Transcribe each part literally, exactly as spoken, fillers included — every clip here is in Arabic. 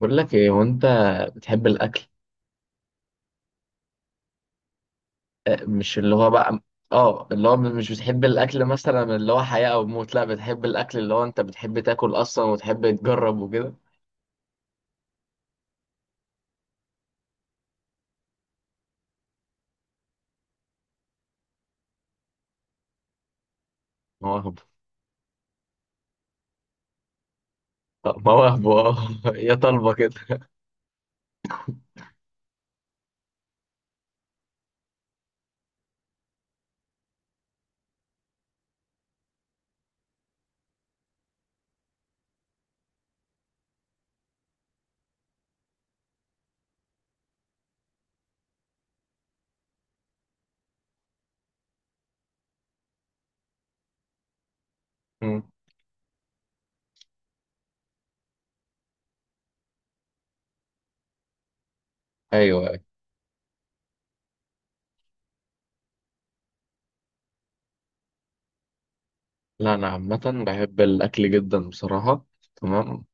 بقول لك ايه. هو انت بتحب الاكل؟ آه، مش اللي هو بقى. اه اللي هو مش بتحب الاكل مثلا اللي هو حياة او موت، لا بتحب الاكل اللي هو انت بتحب تاكل اصلا وتحب تجرب وكده. مواهب. آه، مواهب، اه. يا طالبة كده. مم. ايوه، أيوة. لا انا عامة بحب الاكل جدا بصراحة. تمام.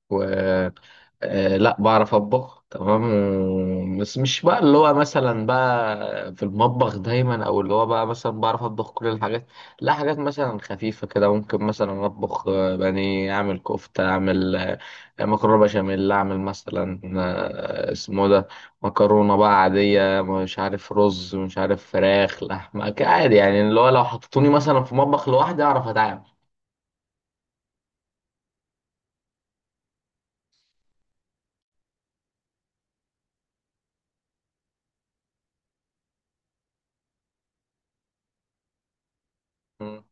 آه، لا بعرف اطبخ، تمام. و- بس مش بقى اللي هو مثلا بقى في المطبخ دايما، او اللي هو بقى مثلا بعرف اطبخ كل الحاجات. لا، حاجات مثلا خفيفة كده، ممكن مثلا اطبخ آه، بانيه، اعمل كفتة، اعمل آه، مكرونة بشاميل، اعمل مثلا آه، اسمه ده مكرونة بقى عادية، مش عارف رز، مش عارف فراخ، لحمة، عادي يعني. اللي هو لو حطوني مثلا في مطبخ لوحدي اعرف اتعامل. م.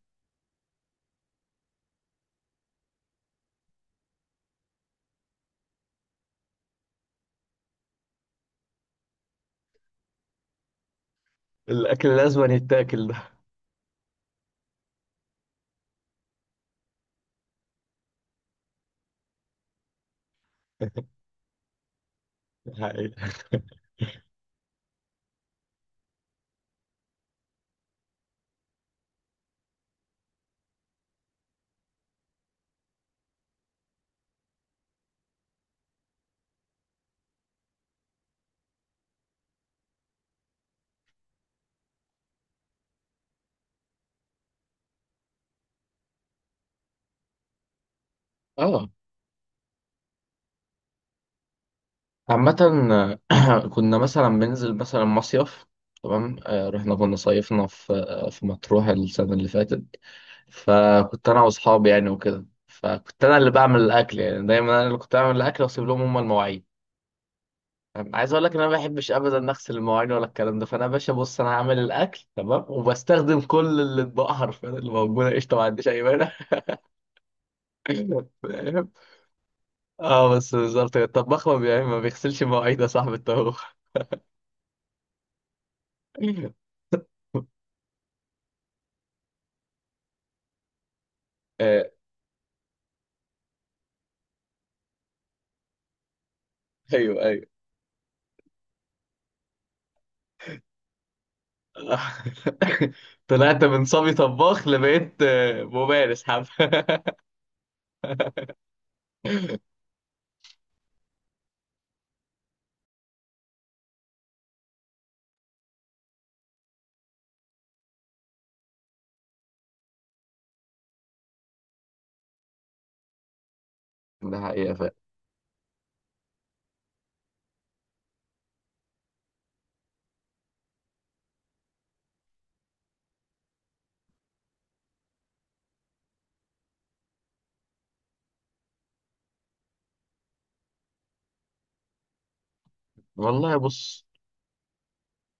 الاكل لازم يتاكل ده. حقيقة. اه، عامة. كنا مثلا بننزل مثلا مصيف، تمام. آه، رحنا، كنا صيفنا في آه، في مطروح السنة اللي فاتت. فكنت أنا وأصحابي يعني وكده، فكنت أنا اللي بعمل الأكل. يعني دايما أنا اللي كنت بعمل الأكل، وأسيب لهم هما المواعين. أنا عايز أقول لك إن أنا ما بحبش أبدا أغسل المواعين ولا الكلام ده. فأنا يا باشا، بص، أنا هعمل الأكل تمام، وبستخدم كل الأطباق حرفيا اللي موجودة، قشطة، ما عنديش أي مانع. فاهم؟ اه بس بالظبط الطباخ ما بي- ما بيغسلش مواعيد يا صاحبي الطباخ. ايوه ايوه. طلعت من صبي طباخ، لبقيت آه، ممارس حب. ده حقيقة فعلا. والله بص.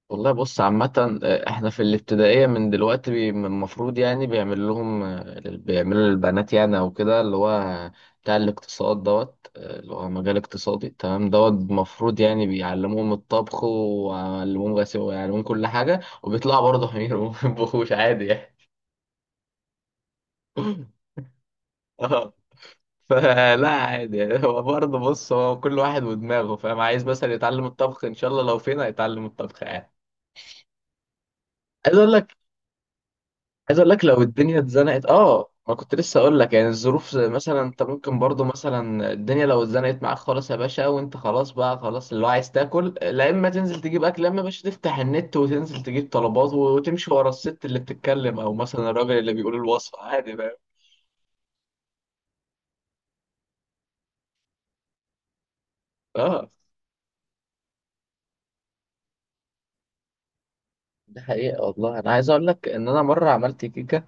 والله بص، عامة آه، احنا في الابتدائية من دلوقتي بي- من المفروض يعني بيعمل لهم آه، بيعملوا للبنات يعني، او كده اللي هو بتاع الاقتصاد دوت آه، اللي هو مجال اقتصادي، تمام، دوت المفروض يعني بيعلموهم الطبخ، ويعلموهم غسيل، ويعلموهم كل حاجة، وبيطلعوا برضه حمير، وما بيطبخوش عادي يعني. اه، فلا عادي يعني. هو برضه بص، هو كل واحد ودماغه، فاهم؟ عايز مثلا يتعلم الطبخ ان شاء الله لو فينا يتعلم الطبخ يعني. عايز اقول لك، عايز اقول لك، لو الدنيا اتزنقت، اه، ما كنت لسه اقول لك يعني، الظروف، زي مثلا انت ممكن برضه مثلا، الدنيا لو اتزنقت معاك خالص يا باشا، وانت خلاص بقى، خلاص اللي هو عايز تاكل، لا اما تنزل تجيب اكل، لا اما يا باشا تفتح النت وتنزل تجيب طلبات، وتمشي ورا الست اللي بتتكلم او مثلا الراجل اللي بيقول الوصفه، عادي، فاهم؟ اه، ده حقيقة والله. أنا عايز أقول لك إن أنا مرة عملت كيكة،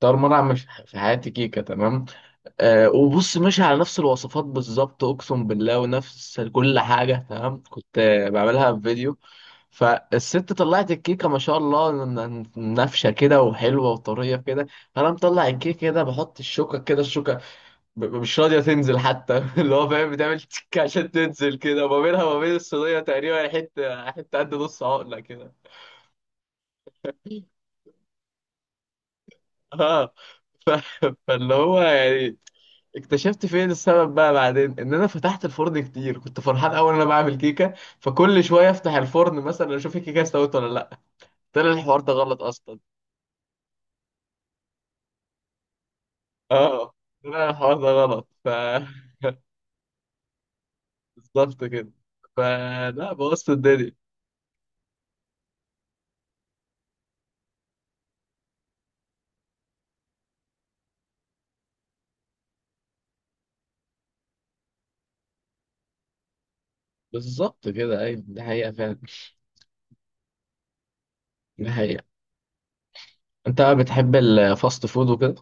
طار. مرة عم- مش في حياتي كيكة، تمام. آه، وبص، ماشي على نفس الوصفات بالظبط، أقسم بالله، ونفس كل حاجة تمام، كنت آه، بعملها في فيديو. فالست طلعت الكيكة ما شاء الله، ن- ن- نافشة كده وحلوة وطرية كده. أنا مطلع الكيكة كده، بحط الشوكة كده، الشوكة ب- ب- مش راضية تنزل حتى. اللي هو فاهم، بتعمل تك عشان تنزل كده، وما بينها وما بين الصينية تقريبا حتة حتة قد نص عقلة كده. اه، ف... فاللي هو يعني اكتشفت فين السبب بقى بعدين، ان انا فتحت الفرن كتير. كنت فرحان اول انا بعمل كيكه، فكل شويه افتح الفرن مثلا اشوف الكيكه استوت ولا لا. طلع الحوار ده غلط اصلا. اه، طلع الحوار ده غلط ف. بالظبط كده. فلا، بوظت الدنيا. بالظبط كده، ايوه. دي حقيقه فعلا. دي حقيقه. انت بقى بتحب الفاست فود وكده؟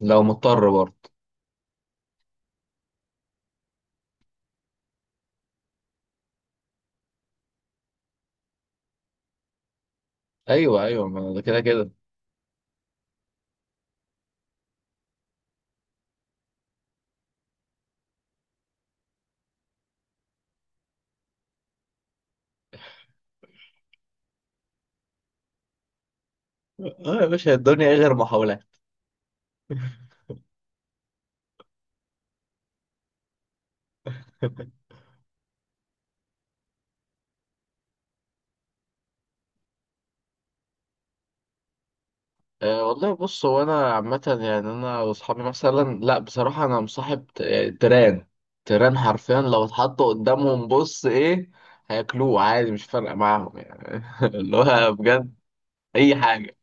لو مضطر برضه؟ ايوه ايوه، ما ده كده كده. اه يا باشا الدنيا إيه غير محاولات. أه والله بص، هو انا عامه يعني، انا واصحابي مثلا، لا بصراحه انا مصاحب ت- آه، تيران. تيران حرفيا، لو اتحط قدامهم بص ايه هياكلوه عادي، مش فارقه معاهم يعني. اللي هو بجد اي حاجه.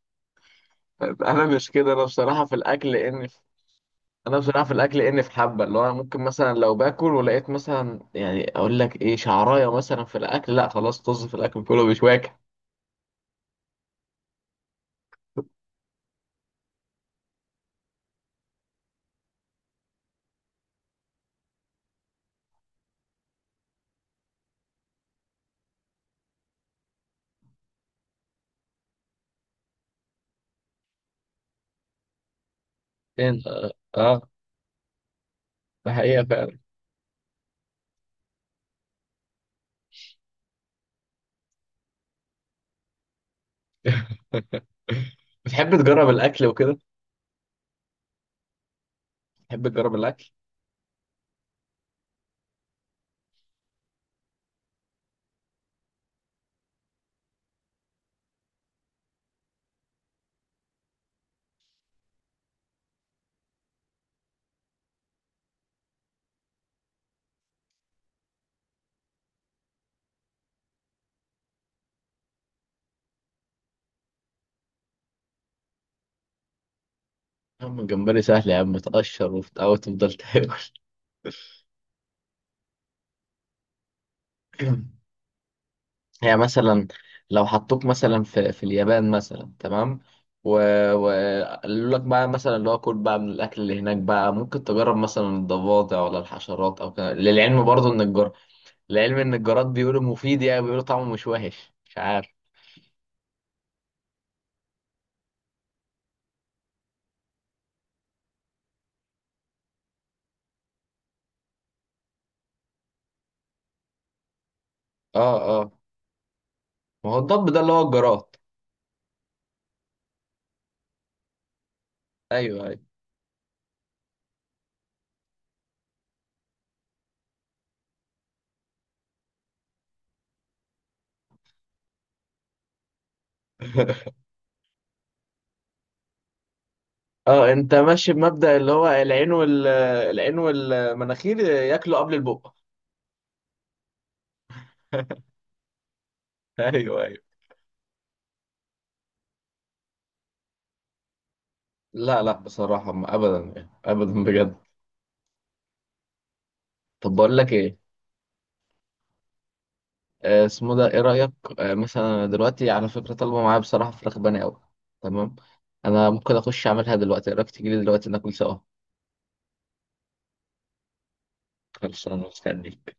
انا مش كده. انا بصراحه في الاكل اني في انا بصراحه في الاكل اني في حبه، اللي هو انا ممكن مثلا لو باكل ولقيت مثلا، يعني اقول لك ايه، شعرايه مثلا في الاكل، لا خلاص، طز في الاكل كله، مش واكل. فين؟ اه. آه، ده حقيقه فعلا. بتحب تجرب الاكل وكده؟ بتحب تجرب الاكل؟ يا عم الجمبري سهل يا عم، تقشر وبتاع وتفضل تاكل. يعني مثلا لو حطوك مثلا في في اليابان مثلا، تمام، وقالوا لك بقى مثلا، اللي هو كل بقى من الاكل اللي هناك بقى، ممكن تجرب مثلا الضفادع، ولا الحشرات، او كده، للعلم برضه ان الجر للعلم ان الجراد بيقولوا مفيد، يعني بيقولوا طعمه مش وحش، مش عارف. اه، اه، ما هو الضب ده اللي هو الجراد. ايوه ايوه. اه انت ماشي بمبدأ اللي هو العين وال العين والمناخير ياكلوا قبل البق. ايوه ايوه. لا لا بصراحة، ما ابدا يعني، ابدا بجد. طب بقول لك ايه، آه، اسمه ده، ايه رأيك؟ آه، مثلا أنا دلوقتي على فكرة طالبة معايا بصراحة فراخ بني قوي، تمام. انا ممكن اخش اعملها دلوقتي. ايه رأيك تيجي لي دلوقتي ناكل سوا؟ خلص انا مستنيك.